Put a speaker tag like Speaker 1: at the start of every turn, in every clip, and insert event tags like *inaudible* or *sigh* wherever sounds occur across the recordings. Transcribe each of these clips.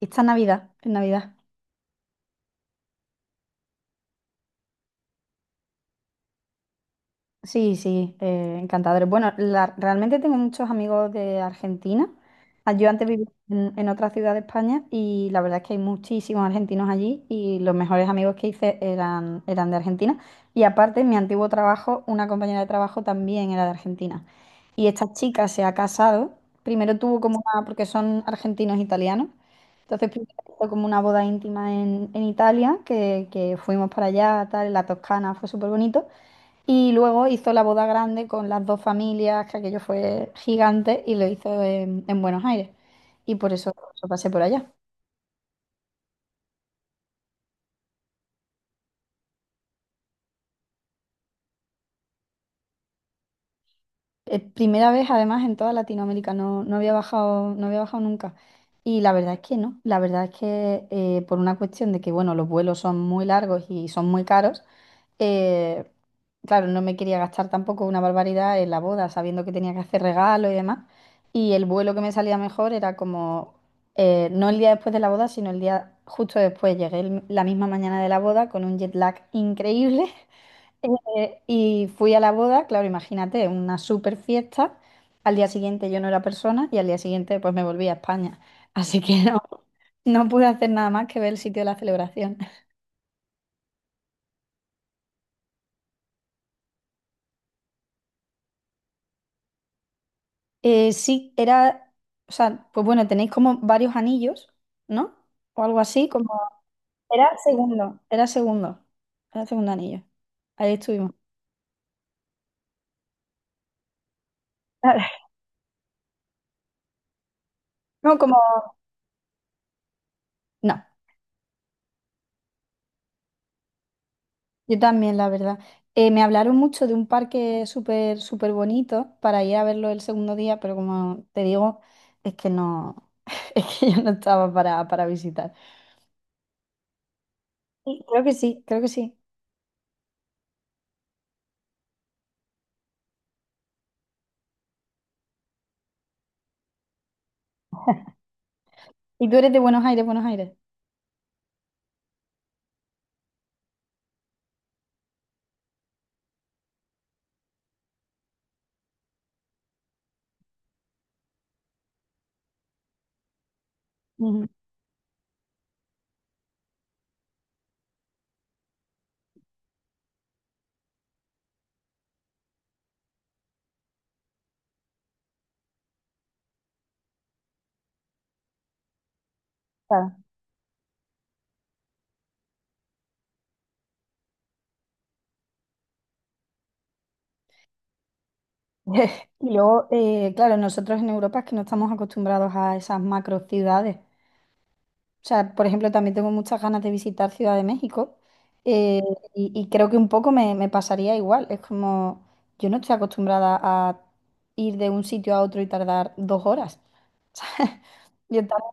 Speaker 1: Esta Navidad, en Navidad. Sí, sí, encantadores. Bueno, realmente tengo muchos amigos de Argentina. Ah, yo antes vivía en otra ciudad de España, y la verdad es que hay muchísimos argentinos allí, y los mejores amigos que hice eran de Argentina. Y aparte, en mi antiguo trabajo, una compañera de trabajo también era de Argentina. Y esta chica se ha casado. Primero tuvo como una, porque son argentinos italianos. Entonces, primero fue como una boda íntima en Italia, que fuimos para allá, tal, en la Toscana, fue súper bonito. Y luego hizo la boda grande con las dos familias, que aquello fue gigante, y lo hizo en Buenos Aires. Y por eso pasé por allá. Primera vez, además, en toda Latinoamérica, no, no había bajado, no había bajado nunca. Y la verdad es que no, la verdad es que por una cuestión de que, bueno, los vuelos son muy largos y son muy caros, eh, claro, no me quería gastar tampoco una barbaridad en la boda, sabiendo que tenía que hacer regalo y demás. Y el vuelo que me salía mejor era como, no el día después de la boda, sino el día justo después. Llegué la misma mañana de la boda con un jet lag increíble. Y fui a la boda, claro, imagínate, una super fiesta. Al día siguiente yo no era persona, y al día siguiente pues me volví a España. Así que no, no pude hacer nada más que ver el sitio de la celebración. Sí, o sea, pues bueno, tenéis como varios anillos, ¿no? O algo así, como... Era segundo, era segundo, era segundo anillo. Ahí estuvimos. *laughs* No, como... no. Yo también, la verdad. Me hablaron mucho de un parque súper, súper bonito para ir a verlo el segundo día, pero como te digo, es que no, *laughs* es que yo no estaba para visitar. Y creo que sí, creo que sí. Y tú eres de Buenos Aires, Buenos Aires. Ujú, claro. *laughs* Y luego, claro, nosotros en Europa es que no estamos acostumbrados a esas macro ciudades. O sea, por ejemplo, también tengo muchas ganas de visitar Ciudad de México, eh, y creo que un poco me pasaría igual. Es como, yo no estoy acostumbrada a ir de un sitio a otro y tardar dos horas. *laughs* O sea, Yo tardo,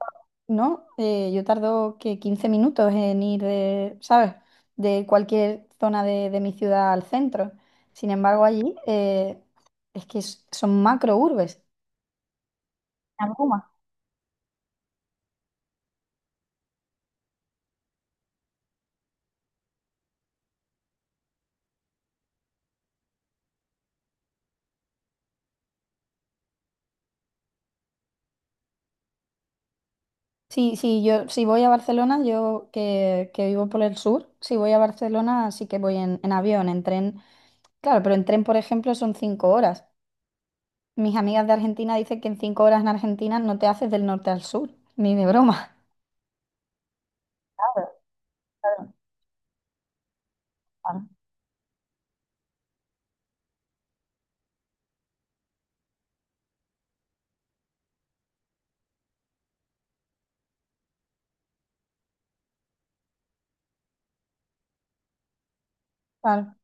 Speaker 1: ¿no? Yo tardo que 15 minutos en ir de, ¿sabes? De cualquier zona de mi ciudad al centro. Sin embargo, allí es que son macro urbes. Sí, sí, yo si voy a Barcelona, yo que vivo por el sur, si voy a Barcelona sí que voy en avión, en tren. Claro, pero en tren, por ejemplo, son cinco horas. Mis amigas de Argentina dicen que en cinco horas en Argentina no te haces del norte al sur, ni de broma. Claro, claro, claro. Claro.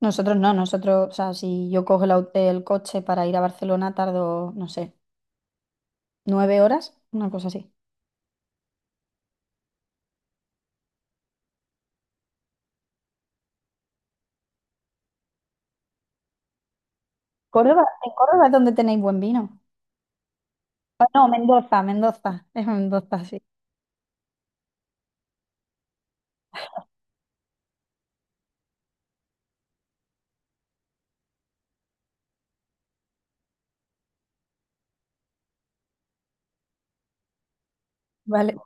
Speaker 1: Nosotros no, nosotros, o sea, si yo cojo el, el coche para ir a Barcelona, tardo, no sé, nueve horas, una cosa así. Córdoba, en Córdoba es donde tenéis buen vino. Ah, no, Mendoza, Mendoza, es Mendoza, sí. Vale.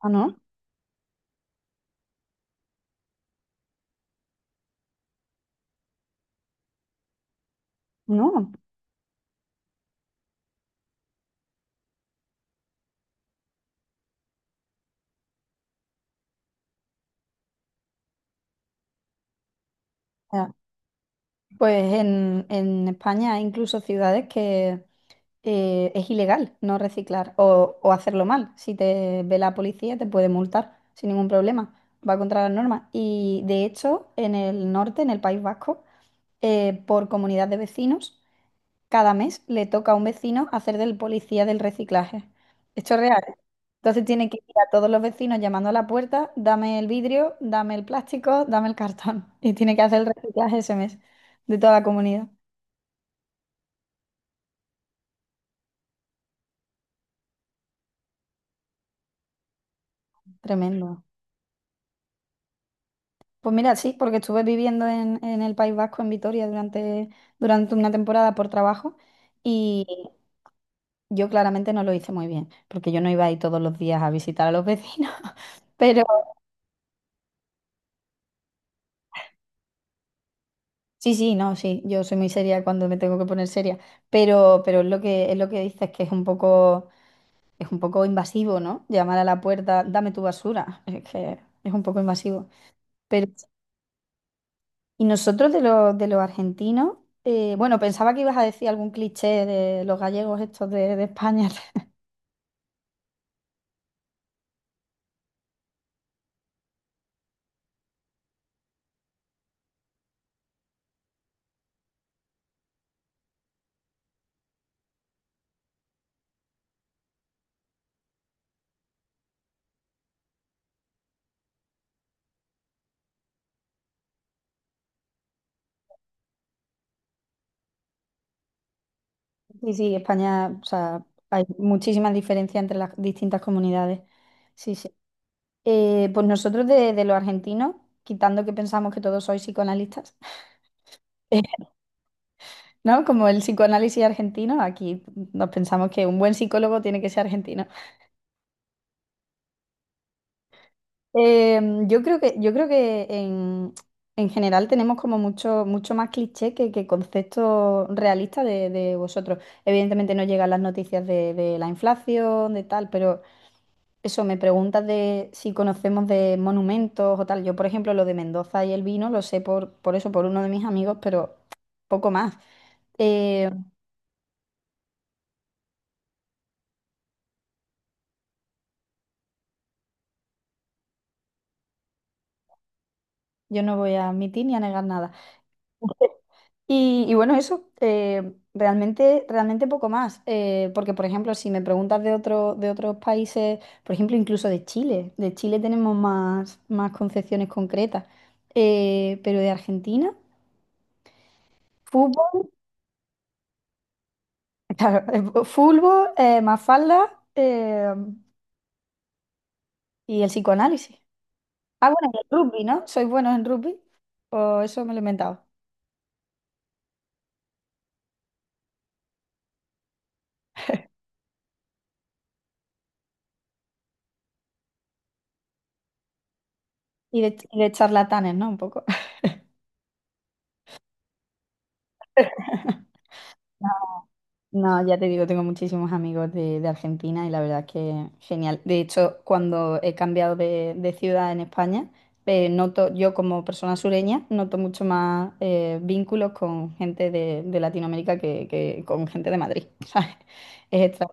Speaker 1: Ah, no, no. Ya, pues en España hay incluso ciudades que es ilegal no reciclar o hacerlo mal. Si te ve la policía te puede multar sin ningún problema, va contra las normas. Y de hecho en el norte, en el País Vasco, por comunidad de vecinos cada mes le toca a un vecino hacer del policía del reciclaje. Esto es real. ¿Eh? Entonces tiene que ir a todos los vecinos llamando a la puerta, dame el vidrio, dame el plástico, dame el cartón. *laughs* Y tiene que hacer el reciclaje ese mes de toda la comunidad. Tremendo. Pues mira, sí, porque estuve viviendo en el País Vasco, en Vitoria, durante una temporada por trabajo, y yo claramente no lo hice muy bien, porque yo no iba ahí todos los días a visitar a los vecinos, *laughs* pero... Sí, sí, no, sí, yo soy muy seria cuando me tengo que poner seria, pero es lo que dices, que es un poco invasivo, ¿no? Llamar a la puerta, dame tu basura, *laughs* es que es un poco invasivo. Pero, y nosotros de de los argentinos, bueno, pensaba que ibas a decir algún cliché de los gallegos estos de España. *laughs* Sí, sí, España, o sea, hay muchísimas diferencias entre las distintas comunidades. Sí, sí. Pues nosotros de los argentinos, quitando que pensamos que todos sois psicoanalistas. *laughs* ¿No? Como el psicoanálisis argentino, aquí nos pensamos que un buen psicólogo tiene que ser argentino. Eh, yo creo que, yo creo que en general tenemos como mucho, mucho más cliché que concepto realista de vosotros. Evidentemente no llegan las noticias de la inflación, de tal, pero eso, me preguntas de si conocemos de monumentos o tal. Yo, por ejemplo, lo de Mendoza y el vino lo sé por eso, por uno de mis amigos, pero poco más. Eh, yo no voy a admitir ni a negar nada. Y bueno, eso, realmente, realmente poco más. Porque, por ejemplo, si me preguntas de otro, de otros países, por ejemplo, incluso de Chile tenemos más, más concepciones concretas. Pero de Argentina, fútbol, *laughs* claro, fútbol, Mafalda, y el psicoanálisis. Ah, bueno, y el rugby, ¿no? ¿Sois buenos en rugby? O eso me lo he inventado. Y de charlatanes, ¿no? Un poco. *laughs* No, ya te digo, tengo muchísimos amigos de Argentina, y la verdad es que genial. De hecho, cuando he cambiado de ciudad en España, noto, yo como persona sureña, noto mucho más vínculos con gente de Latinoamérica que con gente de Madrid, *laughs* ¿sabes? Es extraño.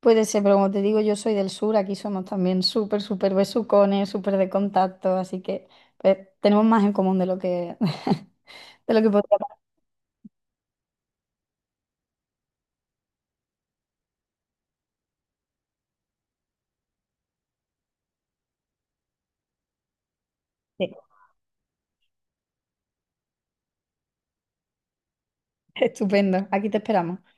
Speaker 1: Puede ser, pero como te digo, yo soy del sur, aquí somos también súper, súper besucones, súper de contacto, así que pues, tenemos más en común de lo que, *laughs* de lo que podría parecer. *laughs* Estupendo, aquí te esperamos.